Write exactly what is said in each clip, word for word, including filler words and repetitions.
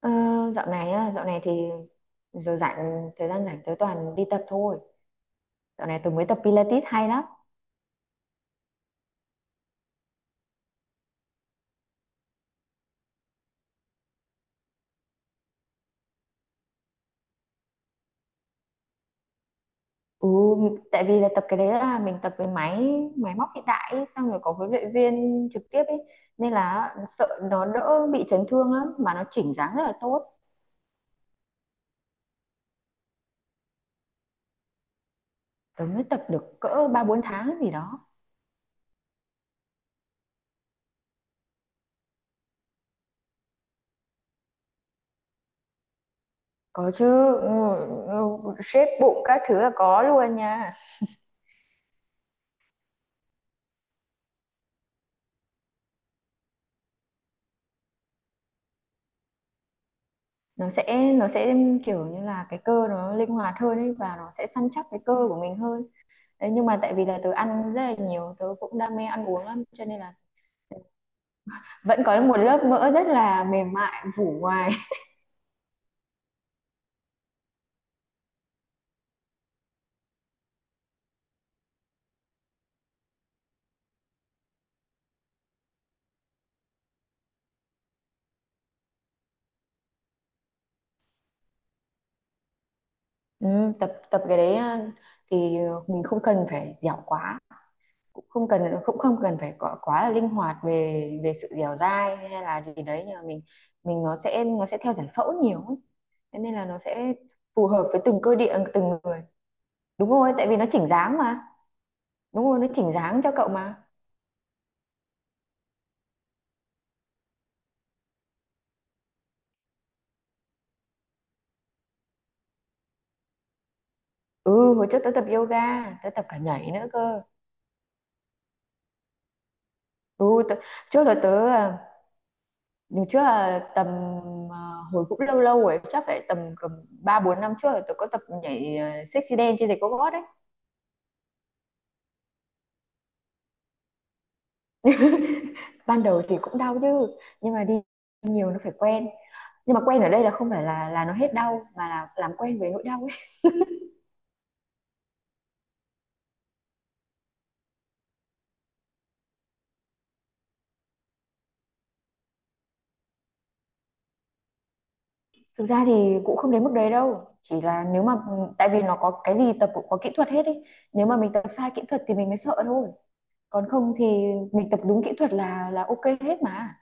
Ờ, dạo này á, dạo này thì giờ rảnh thời gian rảnh tới toàn đi tập thôi. Dạo này tôi mới tập Pilates hay lắm. Ừ, tại vì là tập cái đấy là mình tập với máy máy móc hiện đại ấy, xong rồi có huấn luyện viên trực tiếp ấy nên là sợ nó đỡ bị chấn thương lắm mà nó chỉnh dáng rất là tốt. Tôi mới tập được cỡ ba bốn tháng gì đó. Có chứ, ừ, ừ, shape bụng các thứ là có luôn nha. Nó sẽ nó sẽ kiểu như là cái cơ nó linh hoạt hơn ấy và nó sẽ săn chắc cái cơ của mình hơn. Đấy, nhưng mà tại vì là tớ ăn rất là nhiều, tớ cũng đam mê ăn uống lắm cho nên là vẫn có một lớp mỡ rất là mềm mại phủ ngoài. Ừ, tập tập cái đấy ờ, thì mình không cần phải dẻo quá, cũng không cần cũng không cần phải quá, quá là linh hoạt về về sự dẻo dai hay là gì đấy nhưng mà mình mình nó sẽ nó sẽ theo giải phẫu nhiều ấy. Thế nên là nó sẽ phù hợp với từng cơ địa từng người. Đúng rồi, tại vì nó chỉnh dáng mà. Đúng rồi, nó chỉnh dáng cho cậu mà. Ừ, hồi trước tớ tập yoga, tớ tập cả nhảy nữa cơ. Ừ, tớ, trước là tớ à, đợt trước là tầm à, hồi cũng lâu lâu rồi chắc phải tầm cầm ba bốn năm trước là tớ có tập nhảy, à, sexy dance trên giày cao gót đấy. Ban đầu thì cũng đau chứ nhưng mà đi nhiều nó phải quen, nhưng mà quen ở đây là không phải là là nó hết đau mà là làm quen với nỗi đau ấy. Thực ra thì cũng không đến mức đấy đâu, chỉ là nếu mà ừ, tại vì nó có cái gì tập cũng có kỹ thuật hết ấy, nếu mà mình tập sai kỹ thuật thì mình mới sợ thôi, còn không thì mình tập đúng kỹ thuật là là ok hết mà.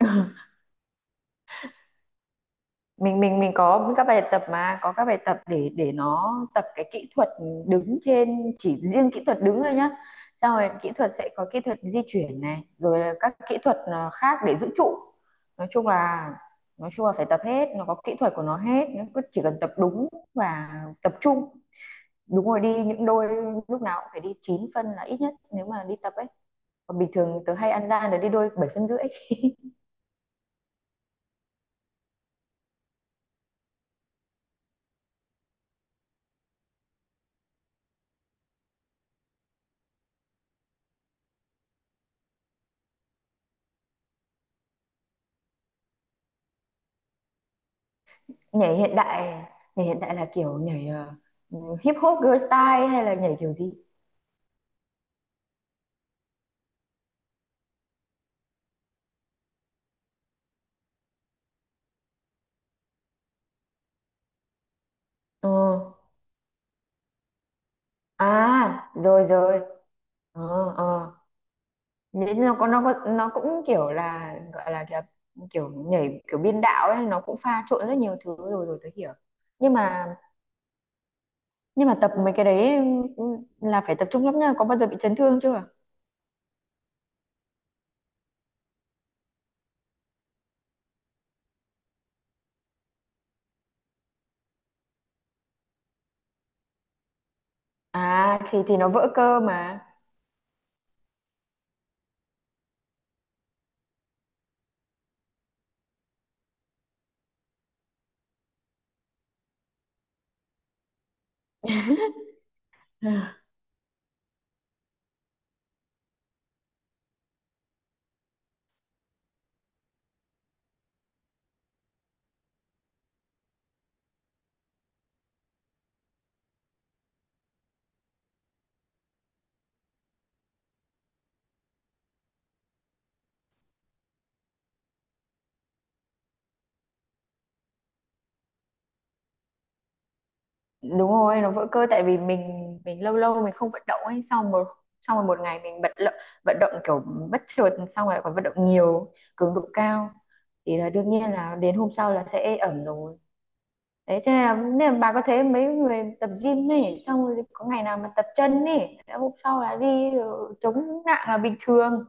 mình mình mình có các bài tập mà có các bài tập để để nó tập cái kỹ thuật đứng, trên chỉ riêng kỹ thuật đứng thôi nhá, xong rồi kỹ thuật sẽ có kỹ thuật di chuyển này rồi là các kỹ thuật à, khác để giữ trụ. Nói chung là nói chung là phải tập hết, nó có kỹ thuật của nó hết, nó cứ chỉ cần tập đúng và tập trung. Đúng rồi, đi những đôi lúc nào cũng phải đi chín phân là ít nhất nếu mà đi tập ấy, còn bình thường tớ hay ăn gian để đi đôi bảy phân rưỡi. Nhảy hiện đại nhảy hiện đại là kiểu nhảy, ờ, hip hop girl style hay là nhảy kiểu gì? Ờ, à rồi rồi. Ờ, ờ. Nhảy nó có nó có nó cũng kiểu là gọi là kiểu, kiểu nhảy kiểu biên đạo ấy, nó cũng pha trộn rất nhiều thứ rồi rồi tới hiểu. Nhưng mà nhưng mà tập mấy cái đấy, ừ, là phải tập trung lắm nha. Có bao giờ bị chấn thương chưa? À, thì thì nó vỡ cơ mà. Đúng rồi nó vỡ cơ tại vì mình mình lâu lâu mình không vận động ấy, xong một xong rồi một ngày mình bật lợ, vận động kiểu bất chợt, xong rồi còn vận động nhiều cường độ cao thì là đương nhiên là đến hôm sau là sẽ ê ẩm rồi. Đấy cho nên là, nên là bà có thấy mấy người tập gym ấy xong rồi có ngày nào mà tập chân ấy hôm sau là đi ờ, chống nặng là bình thường.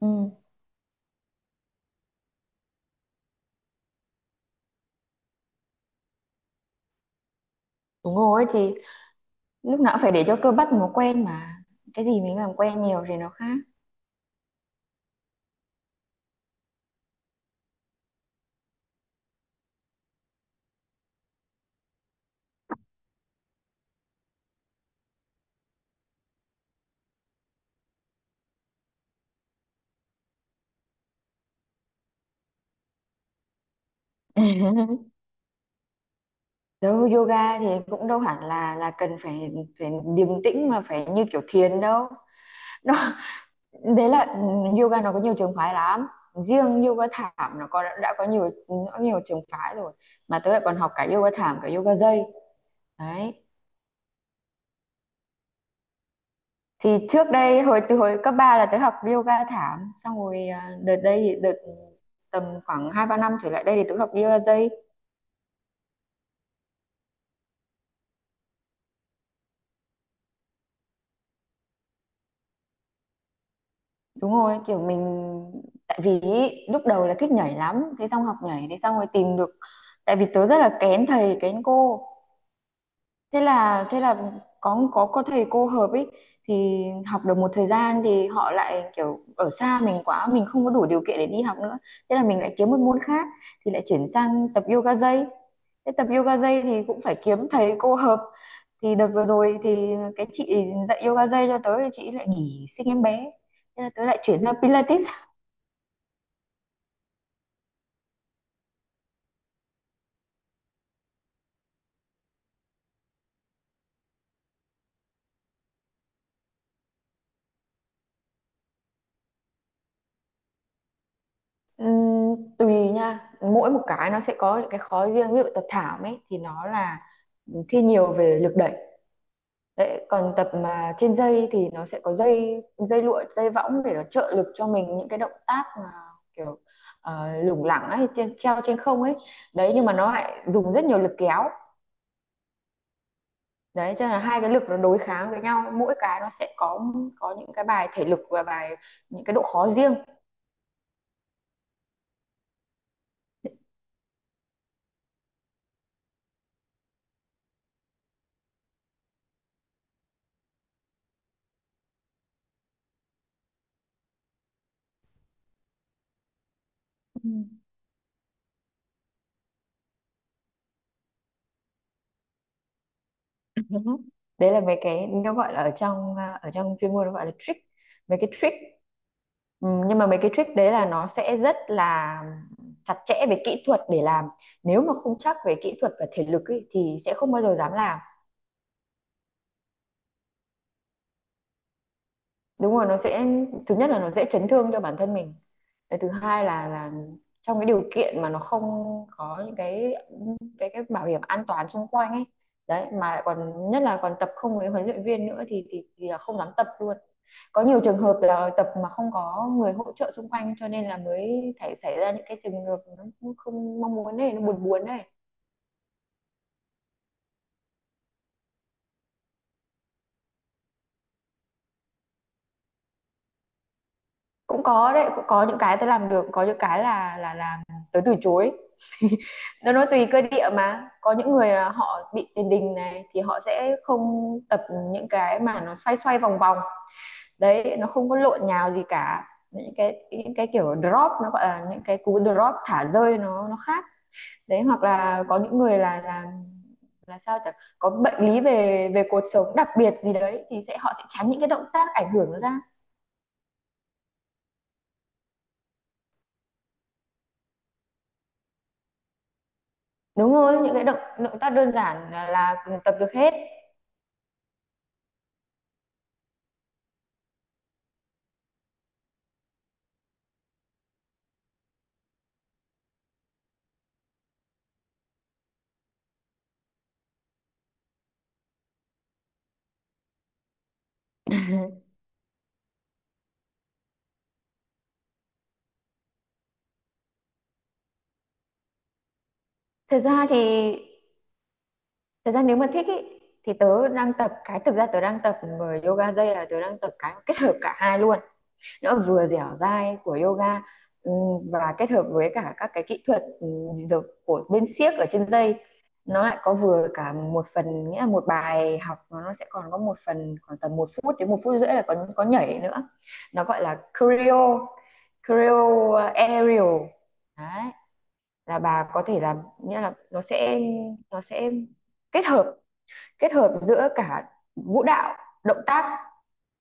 Ừ, đúng rồi thì lúc nào cũng phải để cho cơ bắp nó quen mà, cái gì mình làm quen nhiều thì nó khác. Đâu yoga thì cũng đâu hẳn là là cần phải phải điềm tĩnh mà phải như kiểu thiền đâu. Nó đấy là ừ, Yoga nó có nhiều trường phái lắm. Riêng yoga thảm nó có đã có nhiều nó nhiều trường phái rồi. Mà tớ lại còn học cả yoga thảm cả yoga dây. Đấy. Thì trước đây hồi từ hồi cấp ba là tớ học yoga thảm, xong rồi à, đợt đây thì đợt tầm khoảng hai ba năm trở lại đây thì tớ học yoga dây. Đúng rồi, kiểu mình tại vì ý, lúc đầu là thích nhảy lắm, thế xong học nhảy thế xong rồi tìm được, tại vì tớ rất là kén thầy kén cô. Thế là thế là có có có thầy cô hợp ấy thì học được một thời gian thì họ lại kiểu ở xa mình quá, mình không có đủ điều kiện để đi học nữa. Thế là mình lại kiếm một môn khác thì lại chuyển sang tập yoga dây. Thế tập yoga dây thì cũng phải kiếm thầy cô hợp. Thì đợt vừa rồi thì cái chị dạy yoga dây cho tớ thì chị lại nghỉ sinh em bé. Thế là tớ lại chuyển sang Pilates. Ừm, tùy nha, mỗi một cái nó sẽ có những cái khó riêng. Ví dụ tập thảm ấy thì nó là thi nhiều về lực đẩy, đấy còn tập mà trên dây thì nó sẽ có dây, dây lụa dây võng để nó trợ lực cho mình những cái động tác mà kiểu ờ, lủng lẳng ấy, trên, treo trên không ấy. Đấy nhưng mà nó lại dùng rất nhiều lực kéo, đấy cho nên là hai cái lực nó đối kháng với nhau, mỗi cái nó sẽ có có những cái bài thể lực và bài những cái độ khó riêng. Đúng. Đấy là mấy cái nó gọi là ở trong, à, ở trong chuyên môn nó gọi là trick mấy cái trick Ừ, nhưng mà mấy cái trick đấy là nó sẽ rất là chặt chẽ về kỹ thuật để làm, nếu mà không chắc về kỹ thuật và thể lực ấy, thì sẽ không bao giờ dám làm. Đúng rồi nó sẽ, thứ nhất là nó dễ chấn thương cho bản thân mình. Cái thứ hai là là trong cái điều kiện mà nó không có những cái cái cái bảo hiểm an toàn xung quanh ấy, đấy mà lại còn nhất là còn tập không với huấn luyện viên nữa thì thì, thì là không dám tập luôn. Có nhiều trường hợp là tập mà không có người hỗ trợ xung quanh cho nên là mới thể xảy ra những cái trường hợp nó không mong muốn này, nó buồn buồn này. Cũng có đấy, cũng có những cái tớ làm được, có những cái là là làm tới từ chối. Nó nói tùy cơ địa mà, có những người à, họ bị tiền đình này thì họ sẽ không tập những cái mà nó xoay xoay vòng vòng, đấy nó không có lộn nhào gì cả, những cái những cái kiểu drop, nó gọi là những cái cú drop thả rơi, nó nó khác. Đấy hoặc là có những người là là là sao chẳng có bệnh lý về về cột sống đặc biệt gì đấy thì sẽ họ sẽ tránh những cái động tác ảnh hưởng nó ra. Đúng rồi những cái động động tác đơn giản là, là tập được hết. thực ra thì Thật ra nếu mà thích ý, thì tớ đang tập cái, thực ra tớ đang tập vừa yoga dây là tớ đang tập cái kết hợp cả hai luôn. Nó vừa dẻo dai của yoga, ừm, và kết hợp với cả các cái kỹ thuật ừm, được của bên xiếc ở trên dây. Nó lại có vừa cả một phần, nghĩa là một bài học nó nó sẽ còn có một phần khoảng tầm một phút đến một phút rưỡi là có có nhảy nữa. Nó gọi là choreo choreo aerial. Đấy là bà có thể làm, nghĩa là nó sẽ nó sẽ kết hợp kết hợp giữa cả vũ đạo, động tác,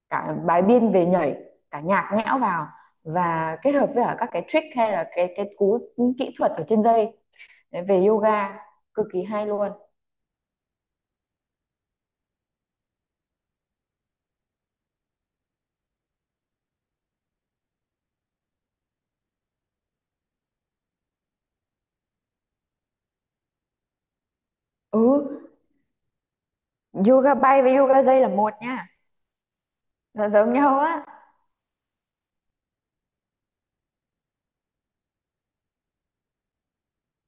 cả bài biên về nhảy, cả nhạc nhẽo vào. Và kết hợp với cả các cái trick hay là cái cái cú kỹ thuật ở trên dây. Đấy, về yoga cực kỳ hay luôn. Ừ, yoga bay với yoga dây là một nha, nó giống nhau á.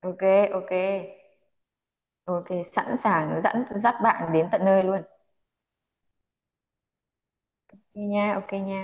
Ok, ok, ok, sẵn sàng dẫn dắt bạn đến tận nơi luôn. Ok nha, ok nha.